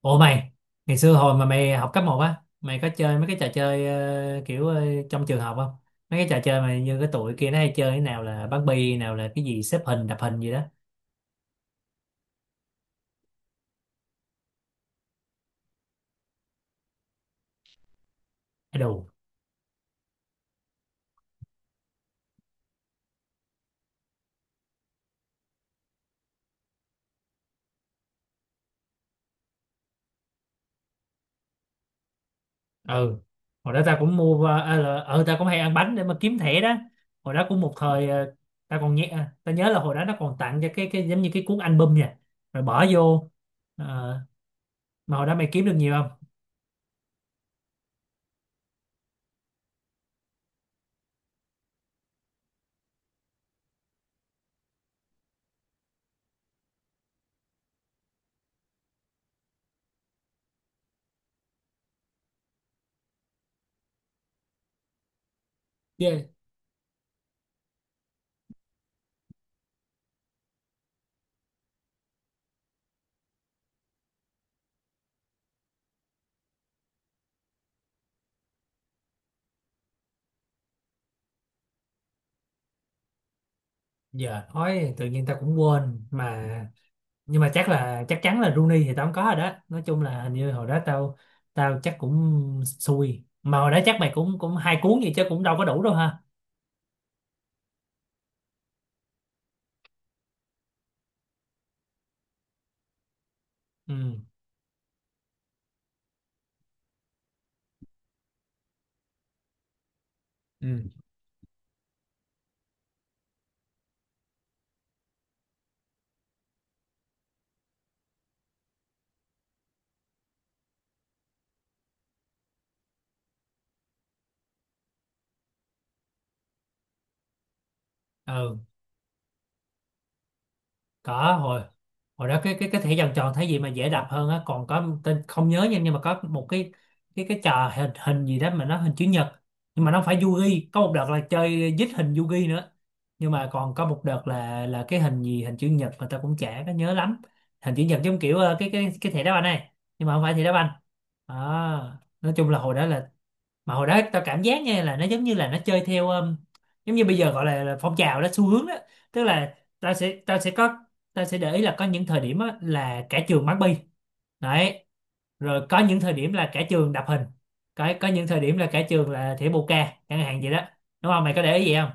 Ủa mày, ngày xưa hồi mà mày học cấp 1 á, mày có chơi mấy cái trò chơi kiểu trong trường học không? Mấy cái trò chơi mà như cái tụi kia nó hay chơi cái nào là bắn bi, nào là cái gì xếp hình, đập hình gì đó. Cái Đồ. Ừ. Hồi đó ta cũng mua ờ à, là- ờ, ta cũng hay ăn bánh để mà kiếm thẻ đó. Hồi đó cũng một thời ta còn nhẹ à, ta nhớ là hồi đó nó còn tặng cho cái giống như cái cuốn album nha. Rồi bỏ vô. Ờ, mà hồi đó mày kiếm được nhiều không? Dạ. Giờ nói tự nhiên ta cũng quên mà, nhưng mà chắc là chắc chắn là Rooney thì tao không có rồi đó. Nói chung là hình như hồi đó tao tao chắc cũng xui, mà hồi đó chắc mày cũng cũng hai cuốn vậy chứ cũng đâu có đủ đâu ha. Ừ, ừ. Ừ. Có hồi hồi đó cái thẻ vòng tròn thấy gì mà dễ đập hơn á, còn có tên không nhớ nha, nhưng mà có một cái trò hình hình gì đó mà nó hình chữ nhật. Nhưng mà nó không phải Yugi, có một đợt là chơi dít hình Yugi nữa, nhưng mà còn có một đợt là cái hình gì hình chữ nhật mà tao cũng chả có nhớ lắm. Hình chữ nhật giống kiểu cái thẻ đá banh này, nhưng mà không phải thẻ đá banh. à, nói chung là hồi đó là, mà hồi đó tao cảm giác nha, là nó giống như là nó chơi theo, giống như bây giờ gọi là phong trào đó, xu hướng đó. Tức là tao sẽ có, tao sẽ để ý là có những thời điểm á, là cả trường bắn bi đấy. Rồi có những thời điểm là cả trường đập hình, có những thời điểm là cả trường là thỉa bồ ca chẳng hạn vậy đó. Đúng không, mày có để ý vậy không?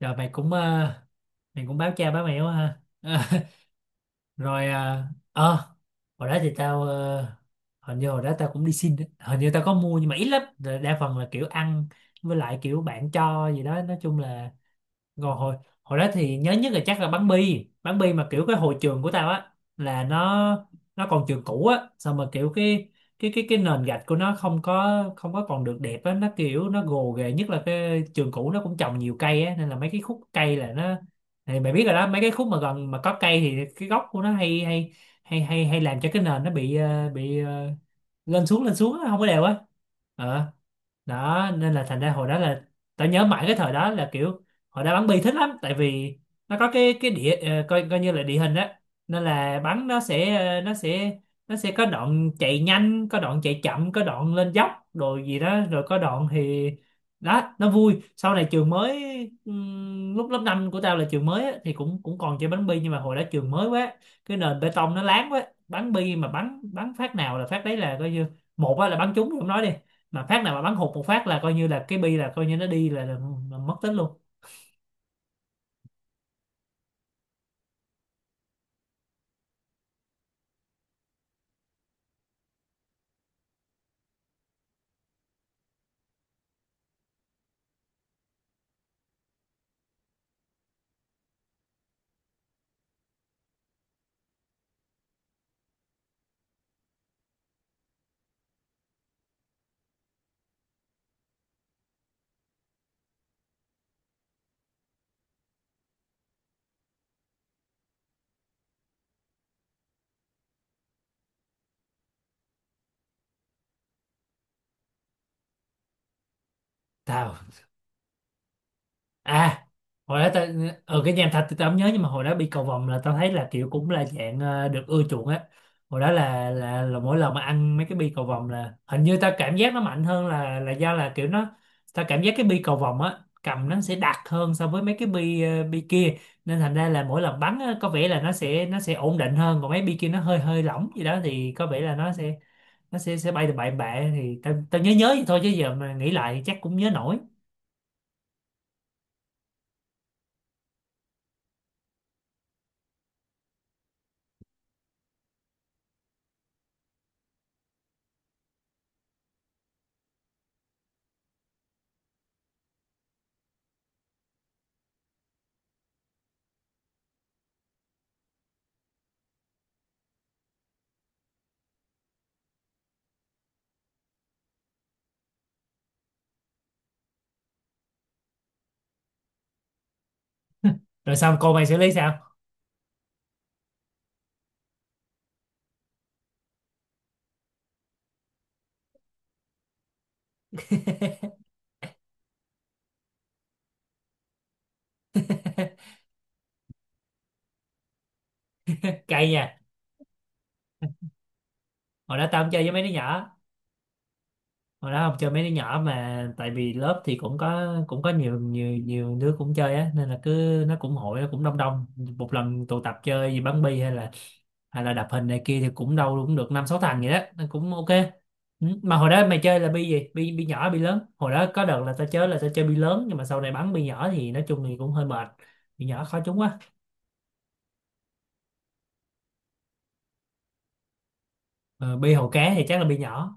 Rồi mày cũng báo cha báo mẹ quá ha. Ờ. Rồi hồi đó thì tao hình như hồi đó tao cũng đi xin á. Hình như tao có mua nhưng mà ít lắm. Rồi đa phần là kiểu ăn, với lại kiểu bạn cho gì đó, nói chung là. Rồi hồi hồi đó thì nhớ nhất là chắc là bắn bi. Bắn bi mà kiểu cái hồi trường của tao á, là nó còn trường cũ á, xong mà kiểu cái nền gạch của nó không có còn được đẹp á, nó kiểu nó gồ ghề. Nhất là cái trường cũ nó cũng trồng nhiều cây á, nên là mấy cái khúc cây là nó, thì mày biết rồi đó, mấy cái khúc mà gần mà có cây thì cái gốc của nó hay hay hay hay hay làm cho cái nền nó bị lên xuống á, không có đều á. ờ Đó nên là thành ra hồi đó là, tao nhớ mãi cái thời đó là kiểu hồi đó bắn bi thích lắm. Tại vì nó có cái coi coi như là địa hình á, nên là bắn nó sẽ ờ, nó sẽ có đoạn chạy nhanh, có đoạn chạy chậm, có đoạn lên dốc rồi gì đó, rồi có đoạn thì, đó nó vui. Sau này trường mới, lúc lớp 5 của tao là trường mới á, thì cũng cũng còn chơi bắn bi, nhưng mà hồi đó trường mới quá, cái nền bê tông nó láng quá. Bắn bi mà bắn bắn phát nào là phát đấy. Là coi như một á, là bắn trúng thì không nói đi, mà phát nào mà bắn hụt một phát là coi như là cái bi là coi như nó đi là mất tích luôn. Tào. À, hồi đó tao ở cái nhà thạch thì tao không nhớ, nhưng mà hồi đó bị cầu vồng là tao thấy là kiểu cũng là dạng được ưa chuộng á. Hồi đó là mỗi lần mà ăn mấy cái bi cầu vồng là hình như tao cảm giác nó mạnh hơn, là do là kiểu nó, tao cảm giác cái bi cầu vồng á, cầm nó sẽ đặc hơn so với mấy cái bi kia. Nên thành ra là mỗi lần bắn á, có vẻ là nó sẽ ổn định hơn, còn mấy bi kia nó hơi hơi lỏng gì đó thì có vẻ là nó sẽ, nó sẽ bay từ bậy bạ, thì tao tao nhớ nhớ vậy thôi chứ giờ mà nghĩ lại chắc cũng nhớ nổi. Rồi xong cô mày xử lý sao? Cay nha. Hồi đó tao không chơi với mấy đứa nhỏ. Hồi đó không chơi mấy đứa nhỏ, mà tại vì lớp thì cũng có nhiều nhiều nhiều đứa cũng chơi á, nên là cứ nó cũng hội, nó cũng đông đông. Một lần tụ tập chơi gì bắn bi, hay là đập hình này kia, thì cũng đâu cũng được năm sáu thằng vậy đó, nên cũng ok. Ừ, mà hồi đó mày chơi là bi gì, bi bi nhỏ bi lớn? Hồi đó có đợt là tao chơi bi lớn, nhưng mà sau này bắn bi nhỏ thì nói chung thì cũng hơi mệt, bi nhỏ khó trúng quá. Ờ, Bi hậu cá thì chắc là bi nhỏ.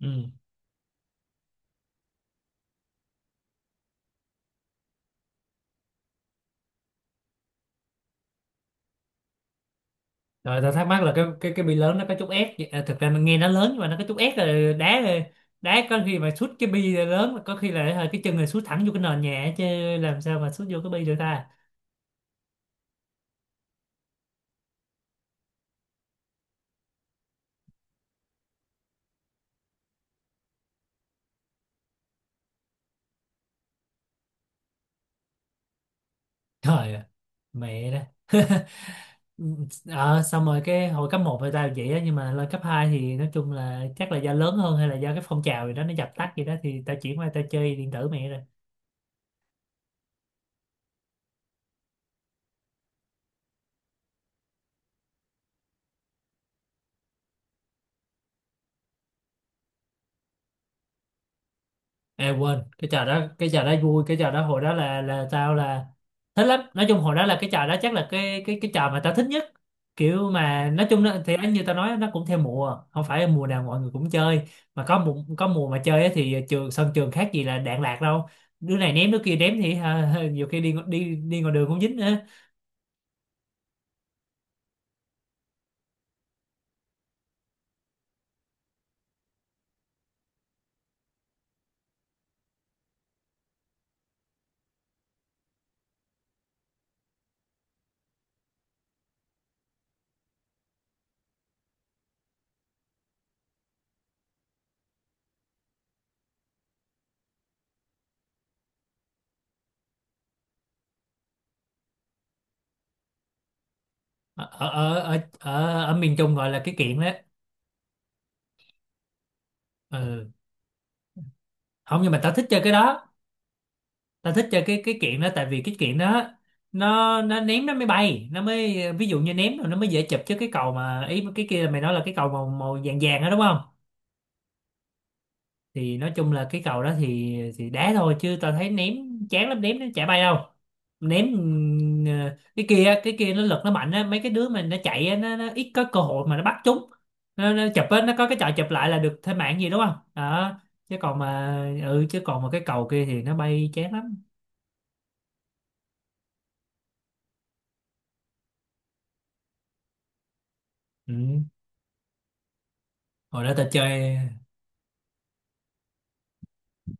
Ừ. Rồi tao thắc mắc là cái bi lớn nó có chút ép à, thực ra nó nghe nó lớn nhưng mà nó có chút ép. Là đá đá, có khi mà sút cái bi lớn có khi là hả, cái chân này sút thẳng vô cái nền nhà ấy chứ, làm sao mà sút vô cái bi được ta. Trời ơi, mẹ đó. Ờ, Xong rồi cái hồi cấp 1 thì tao vậy á, nhưng mà lên cấp 2 thì nói chung là chắc là do lớn hơn hay là do cái phong trào gì đó nó dập tắt gì đó, thì tao chuyển qua tao chơi điện tử mẹ rồi. À quên, cái trò đó vui, cái trò đó hồi đó là tao là thích lắm. Nói chung hồi đó là cái trò đó chắc là cái trò mà tao thích nhất. Kiểu mà nói chung nó, thì như tao nói nó cũng theo mùa, không phải mùa nào mọi người cũng chơi, mà có mùa mà chơi á thì sân trường khác gì là đạn lạc đâu. Đứa này ném, đứa kia ném thì ha, nhiều khi đi ngoài đường cũng dính nữa. Ở ở ở ở, ở miền Trung gọi là cái kiện đó. Ừ. Không, nhưng mà tao thích chơi cái đó, tao thích chơi cái kiện đó. Tại vì cái kiện đó nó ném nó mới bay, nó mới ví dụ như ném rồi nó mới dễ chụp. Chứ cái cầu mà, ý cái kia là mày nói là cái cầu màu màu vàng vàng đó đúng không? Thì nói chung là cái cầu đó thì đá thôi chứ tao thấy ném chán lắm, ném nó chả bay đâu. Ném. Ừ, cái kia nó lực nó mạnh á, mấy cái đứa mà nó chạy á, nó ít có cơ hội mà nó bắt chúng. Nó chụp á, nó có cái trò chụp lại là được thêm mạng gì đúng không đó. Chứ còn mà ừ chứ còn mà cái cầu kia thì nó bay chán lắm. Ừ. Hồi đó tao chơi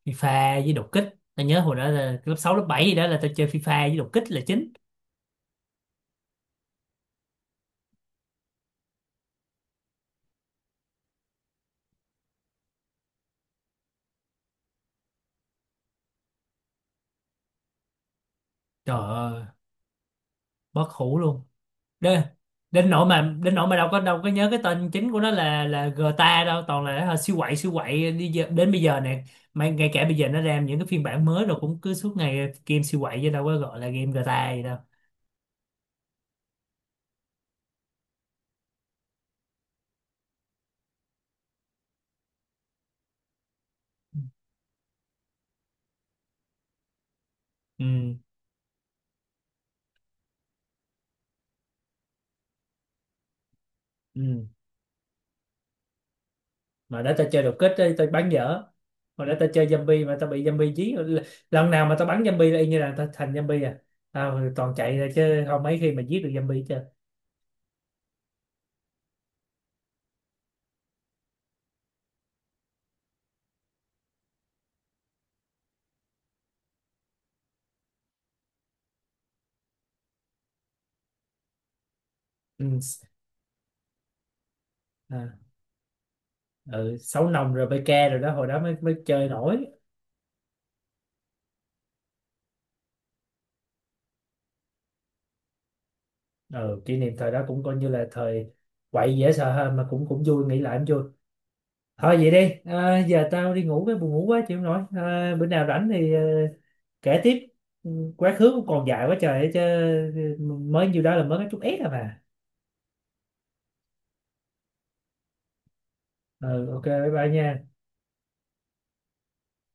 FIFA với đột kích. Tao nhớ hồi đó là lớp 6 lớp 7 gì đó là tao chơi FIFA với đột kích là chính. Trời ơi, bất hủ luôn. Đến đến nỗi mà đến nỗi mà đâu có nhớ cái tên chính của nó là GTA đâu, toàn là hả, siêu quậy đi giờ, đến bây giờ nè. Mà ngay cả bây giờ nó ra những cái phiên bản mới rồi cũng cứ suốt ngày game siêu quậy, chứ đâu có gọi là game GTA gì đâu. Ừ, ừ. Mà để tao chơi đột kích ấy, tao bắn dở. Mà để tao chơi zombie mà tao bị zombie dí, lần nào mà tao bắn zombie là y như là tao thành zombie à. Tao toàn chạy ra chứ không mấy khi mà giết được zombie chứ. Ừ. À, ừ. Sáu nòng rồi PK rồi đó, hồi đó mới mới chơi nổi. Ừ, kỷ niệm thời đó cũng coi như là thời quậy dễ sợ hơn, mà cũng cũng vui, nghĩ lại cũng vui. Thôi vậy đi à, giờ tao đi ngủ, cái buồn ngủ quá chịu không nổi à. Bữa nào rảnh thì kể tiếp. Ừ, quá khứ cũng còn dài quá trời ấy chứ. Ừ, mới nhiêu đó là mới có chút ép à mà. Ừ, ok, bye bye nha.